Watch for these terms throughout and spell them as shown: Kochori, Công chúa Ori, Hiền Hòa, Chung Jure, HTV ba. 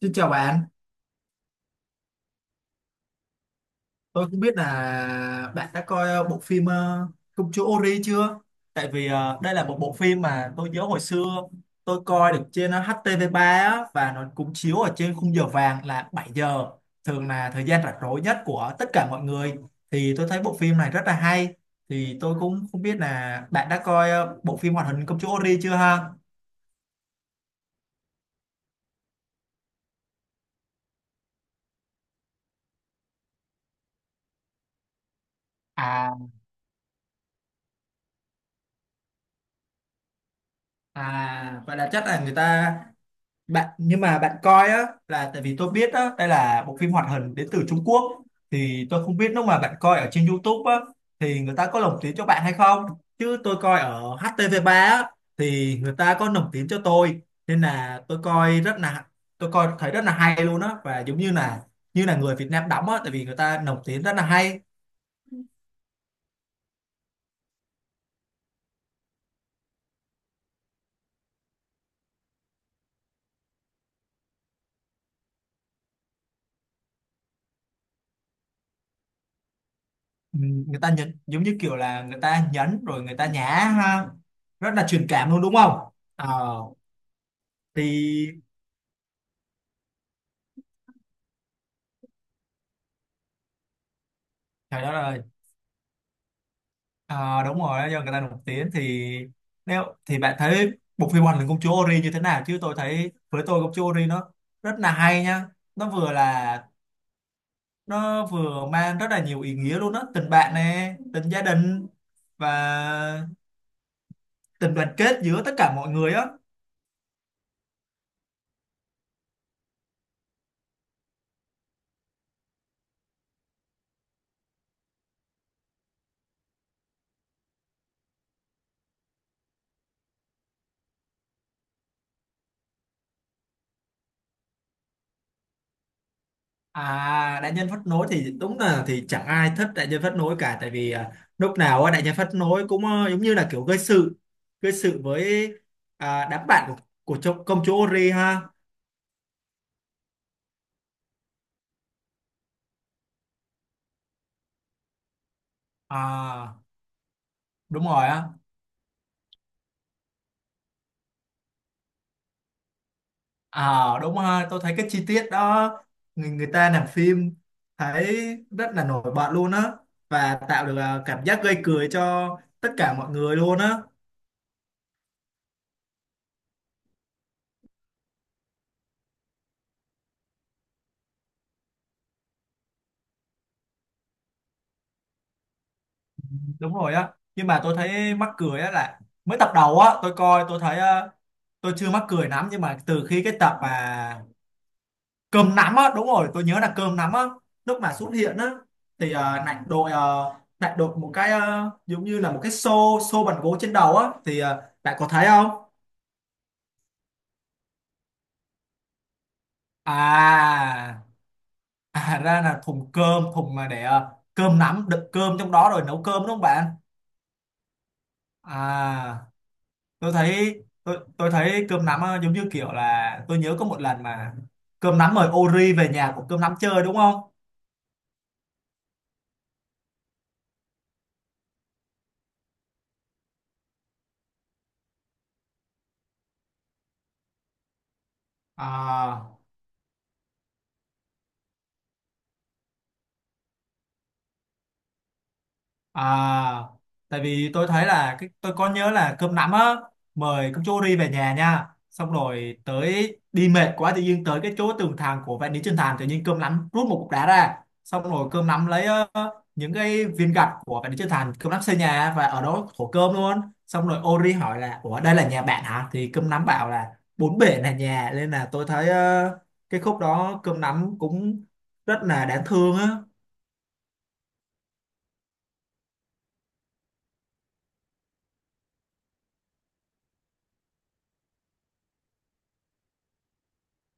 Xin chào bạn, tôi không biết là bạn đã coi bộ phim Công chúa Ori chưa? Tại vì đây là một bộ phim mà tôi nhớ hồi xưa tôi coi được trên HTV3 á, và nó cũng chiếu ở trên khung giờ vàng là 7 giờ, thường là thời gian rảnh rỗi nhất của tất cả mọi người. Thì tôi thấy bộ phim này rất là hay, thì tôi cũng không biết là bạn đã coi bộ phim hoạt hình Công chúa Ori chưa ha? À, à, vậy là chắc là người ta bạn nhưng mà bạn coi á là tại vì tôi biết á đây là bộ phim hoạt hình đến từ Trung Quốc, thì tôi không biết lúc mà bạn coi ở trên YouTube á thì người ta có lồng tiếng cho bạn hay không, chứ tôi coi ở HTV3 á thì người ta có lồng tiếng cho tôi, nên là tôi coi thấy rất là hay luôn á, và giống như là người Việt Nam đóng á, tại vì người ta lồng tiếng rất là hay. Ừ, người ta nhấn giống như kiểu là người ta nhấn rồi người ta nhả ha, rất là truyền cảm luôn đúng không? Ờ thì Trời đất ơi, Ờ, đúng rồi đó, do người ta nổi tiếng thì nếu thì bạn thấy bộ phim Hoàng Linh Công Chúa Ori như thế nào, chứ tôi thấy với tôi Công Chúa Ori nó rất là hay nha. nó vừa là nó vừa mang rất là nhiều ý nghĩa luôn đó, tình bạn nè, tình gia đình và tình đoàn kết giữa tất cả mọi người á. À đại nhân phát nối thì đúng là thì chẳng ai thích đại nhân phát nối cả, tại vì lúc nào á, đại nhân phát nối cũng giống như là kiểu gây sự, gây sự với đám bạn của, công chúa Ori ha. À, đúng rồi á. À, đúng ha. Tôi thấy cái chi tiết đó người ta làm phim thấy rất là nổi bật luôn á, và tạo được cảm giác gây cười cho tất cả mọi người luôn á. Đúng rồi á. Nhưng mà tôi thấy mắc cười á là mới tập đầu á, tôi coi tôi thấy tôi chưa mắc cười lắm, nhưng mà từ khi cái tập mà cơm nắm á, đúng rồi tôi nhớ là cơm nắm á, lúc mà xuất hiện á thì lại đội lại đội một cái giống như là một cái xô xô bằng gỗ trên đầu á, thì ờ, bạn có thấy không? À à ra là thùng cơm, thùng mà để cơm nắm đựng cơm trong đó rồi nấu cơm đúng không bạn? À tôi thấy tôi thấy cơm nắm giống như kiểu là tôi nhớ có một lần mà cơm nắm mời Ori về nhà của cơm nắm chơi đúng không? À À, tại vì tôi thấy là cái tôi có nhớ là cơm nắm á mời công chúa đi về nhà nha. Xong rồi tới đi mệt quá, tự nhiên tới cái chỗ tường thành của vạn lý trường thành, tự nhiên cơm nắm rút một cục đá ra. Xong rồi cơm nắm lấy những cái viên gạch của vạn lý trường thành, cơm nắm xây nhà và ở đó thổ cơm luôn. Xong rồi Ori hỏi là ủa đây là nhà bạn hả? Thì cơm nắm bảo là bốn bể là nhà, nên là tôi thấy cái khúc đó cơm nắm cũng rất là đáng thương á.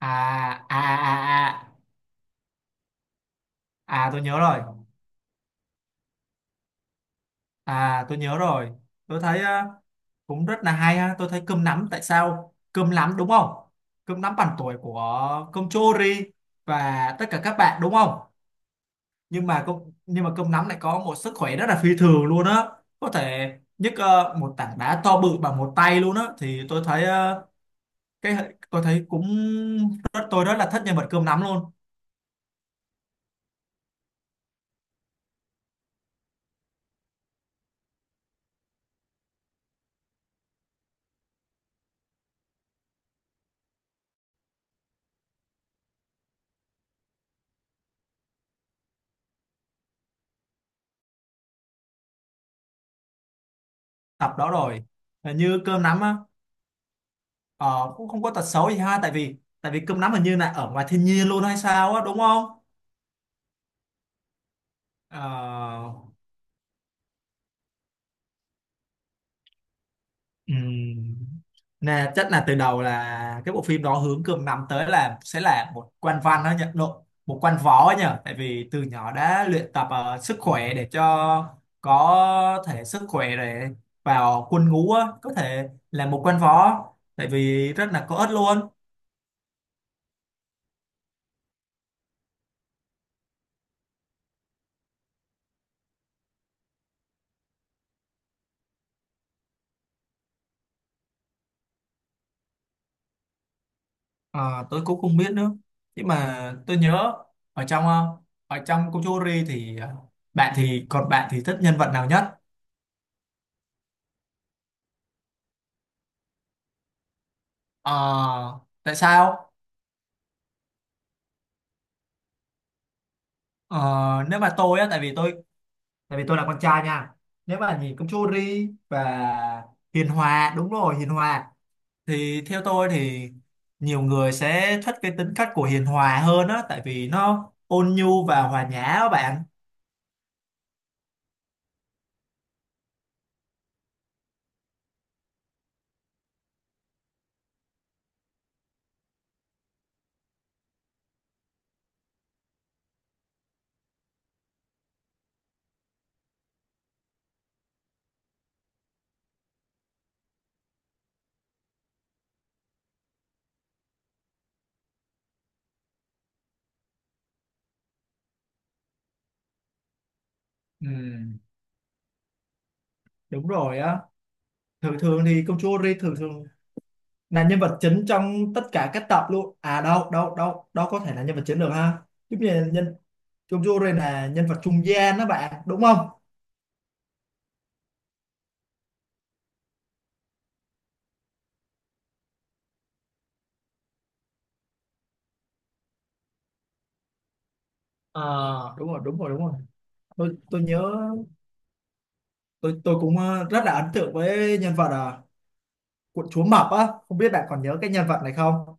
À à à à. À tôi nhớ rồi. À tôi nhớ rồi. Tôi thấy cũng rất là hay ha. Tôi thấy cơm nắm tại sao? Cơm nắm đúng không? Cơm nắm bằng tuổi của cơm chori và tất cả các bạn đúng không? Nhưng mà cơm nhưng mà cơm nắm lại có một sức khỏe rất là phi thường luôn á. Có thể nhấc một tảng đá to bự bằng một tay luôn á, thì tôi thấy cái tôi thấy cũng tôi rất là thích nhân vật cơm nắm luôn. Tập đó rồi. Là Như cơm nắm á. Ờ, cũng không có tật xấu gì ha, tại vì cơm nắm hình như là ở ngoài thiên nhiên luôn hay sao á đúng không? Ờ, ừm, nè chắc là từ đầu là cái bộ phim đó hướng cơm nắm tới là sẽ là một quan văn đó nhỉ, lộ một quan võ ấy nhỉ, tại vì từ nhỏ đã luyện tập sức khỏe để cho có thể sức khỏe để vào quân ngũ á, có thể là một quan võ, tại vì rất là có ích luôn. À, tôi cũng không biết nữa, nhưng mà tôi nhớ ở trong ở trong Kochori thì bạn thì thích nhân vật nào nhất? Ờ, tại sao? Ờ, nếu mà tôi á, tại vì tôi là con trai nha, nếu mà nhìn Kochori và Hiền Hòa, đúng rồi Hiền Hòa, thì theo tôi thì nhiều người sẽ thích cái tính cách của Hiền Hòa hơn á, tại vì nó ôn nhu và hòa nhã á bạn. Ừ, đúng rồi á. Thường thường thì Công chúa Ri thường thường là nhân vật chính trong tất cả các tập luôn, à đâu đâu đâu đâu có thể là nhân vật chính được ha, giống như nhân Chung Jure là nhân vật trung gian đó bạn đúng không? À đúng rồi đúng rồi. Tôi nhớ tôi cũng rất là ấn tượng với nhân vật của chúa Mập á, không biết bạn còn nhớ cái nhân vật này không?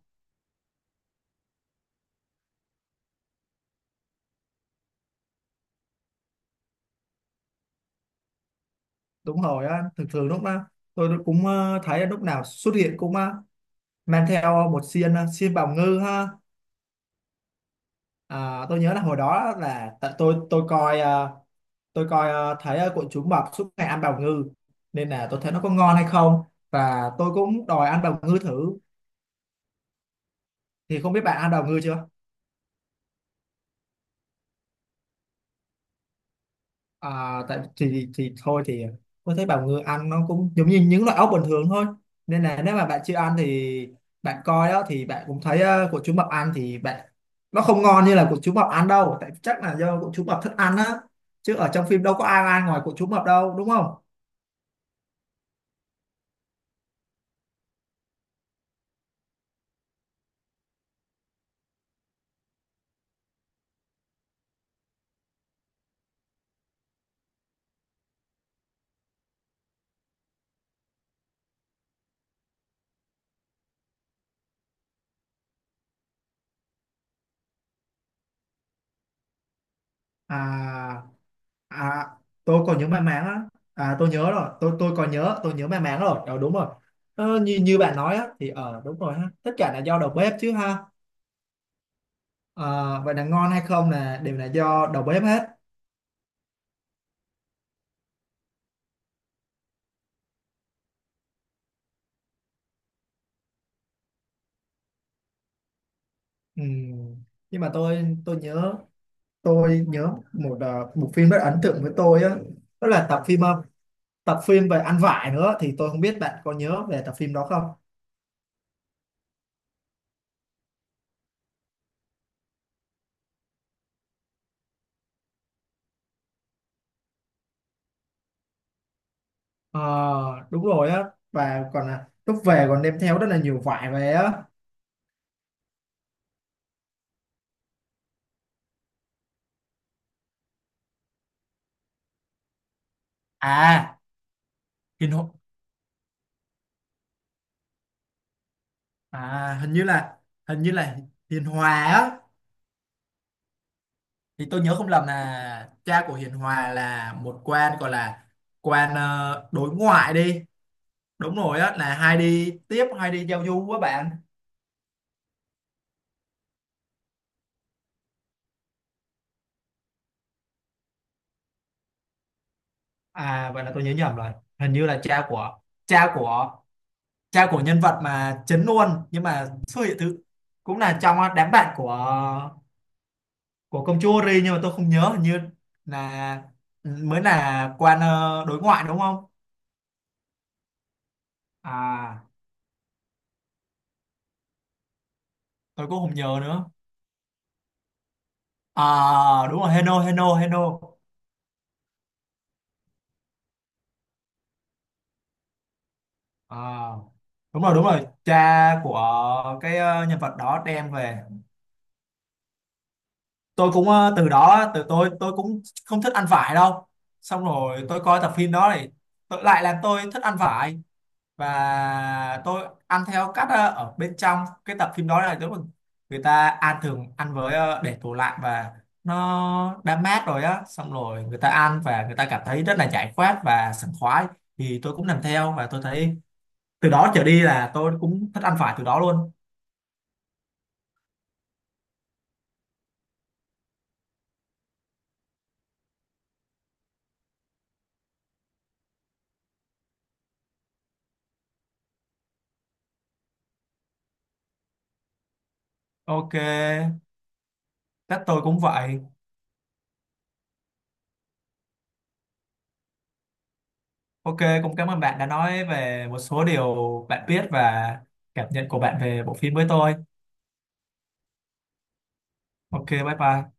Đúng rồi á, thường thường lúc đó tôi cũng thấy lúc nào xuất hiện cũng mang theo một xiên xiên bào ngư ha. À, tôi nhớ là hồi đó là tại tôi coi tôi coi thấy của chú mập suốt ngày ăn bào ngư, nên là tôi thấy nó có ngon hay không, và tôi cũng đòi ăn bào ngư thử, thì không biết bạn ăn bào ngư chưa. À, tại thì thôi thì tôi thấy bào ngư ăn nó cũng giống như những loại ốc bình thường thôi, nên là nếu mà bạn chưa ăn thì bạn coi đó thì bạn cũng thấy của chú mập ăn thì bạn nó không ngon như là của chú mập ăn đâu, tại chắc là do của chú mập thích ăn á, chứ ở trong phim đâu có ai ăn ngoài của chú mập đâu đúng không? À À, tôi còn nhớ may mắn á. À, tôi nhớ rồi. Tôi còn nhớ, tôi nhớ may mắn rồi. Ờ, đúng rồi. Ờ, như như bạn nói á, thì ờ đúng rồi ha. Tất cả là do đầu bếp chứ ha. Ờ, vậy là ngon hay không là đều là do đầu bếp hết. Ừm, Nhưng mà tôi nhớ tôi nhớ một một phim rất ấn tượng với tôi á, đó là tập phim tập phim về ăn vải nữa, thì tôi không biết bạn có nhớ về tập phim đó không? Ờ, đúng rồi á, và còn là lúc về còn đem theo rất là nhiều vải về á. À, hình hình như là hình như là Hiền Hòa á, thì tôi nhớ không lầm là cha của Hiền Hòa là một quan gọi là quan đối ngoại đi, đúng rồi á là hay đi tiếp hay đi giao du á bạn. À vậy là tôi nhớ nhầm rồi, hình như là cha của cha của nhân vật mà chính luôn, nhưng mà xuất hiện thứ, cũng là trong đám bạn của công chúa Ri, nhưng mà tôi không nhớ, hình như là ừ, mới là quan đối ngoại đúng không? À tôi cũng không nhớ nữa. À đúng rồi Heno Heno Heno. À, đúng rồi cha của cái nhân vật đó đem về, tôi cũng từ đó tôi cũng không thích ăn vải đâu, xong rồi tôi coi tập phim đó thì tôi lại làm tôi thích ăn vải, và tôi ăn theo cách ở bên trong cái tập phim đó là đúng là người ta ăn thường ăn với để tủ lạnh và nó đã mát rồi á, xong rồi người ta ăn và người ta cảm thấy rất là giải khoát và sảng khoái, thì tôi cũng làm theo và tôi thấy từ đó trở đi là tôi cũng thích ăn phải từ đó luôn. OK chắc tôi cũng vậy. OK cũng cảm ơn bạn đã nói về một số điều bạn biết và cảm nhận của bạn về bộ phim với tôi. OK bye bye.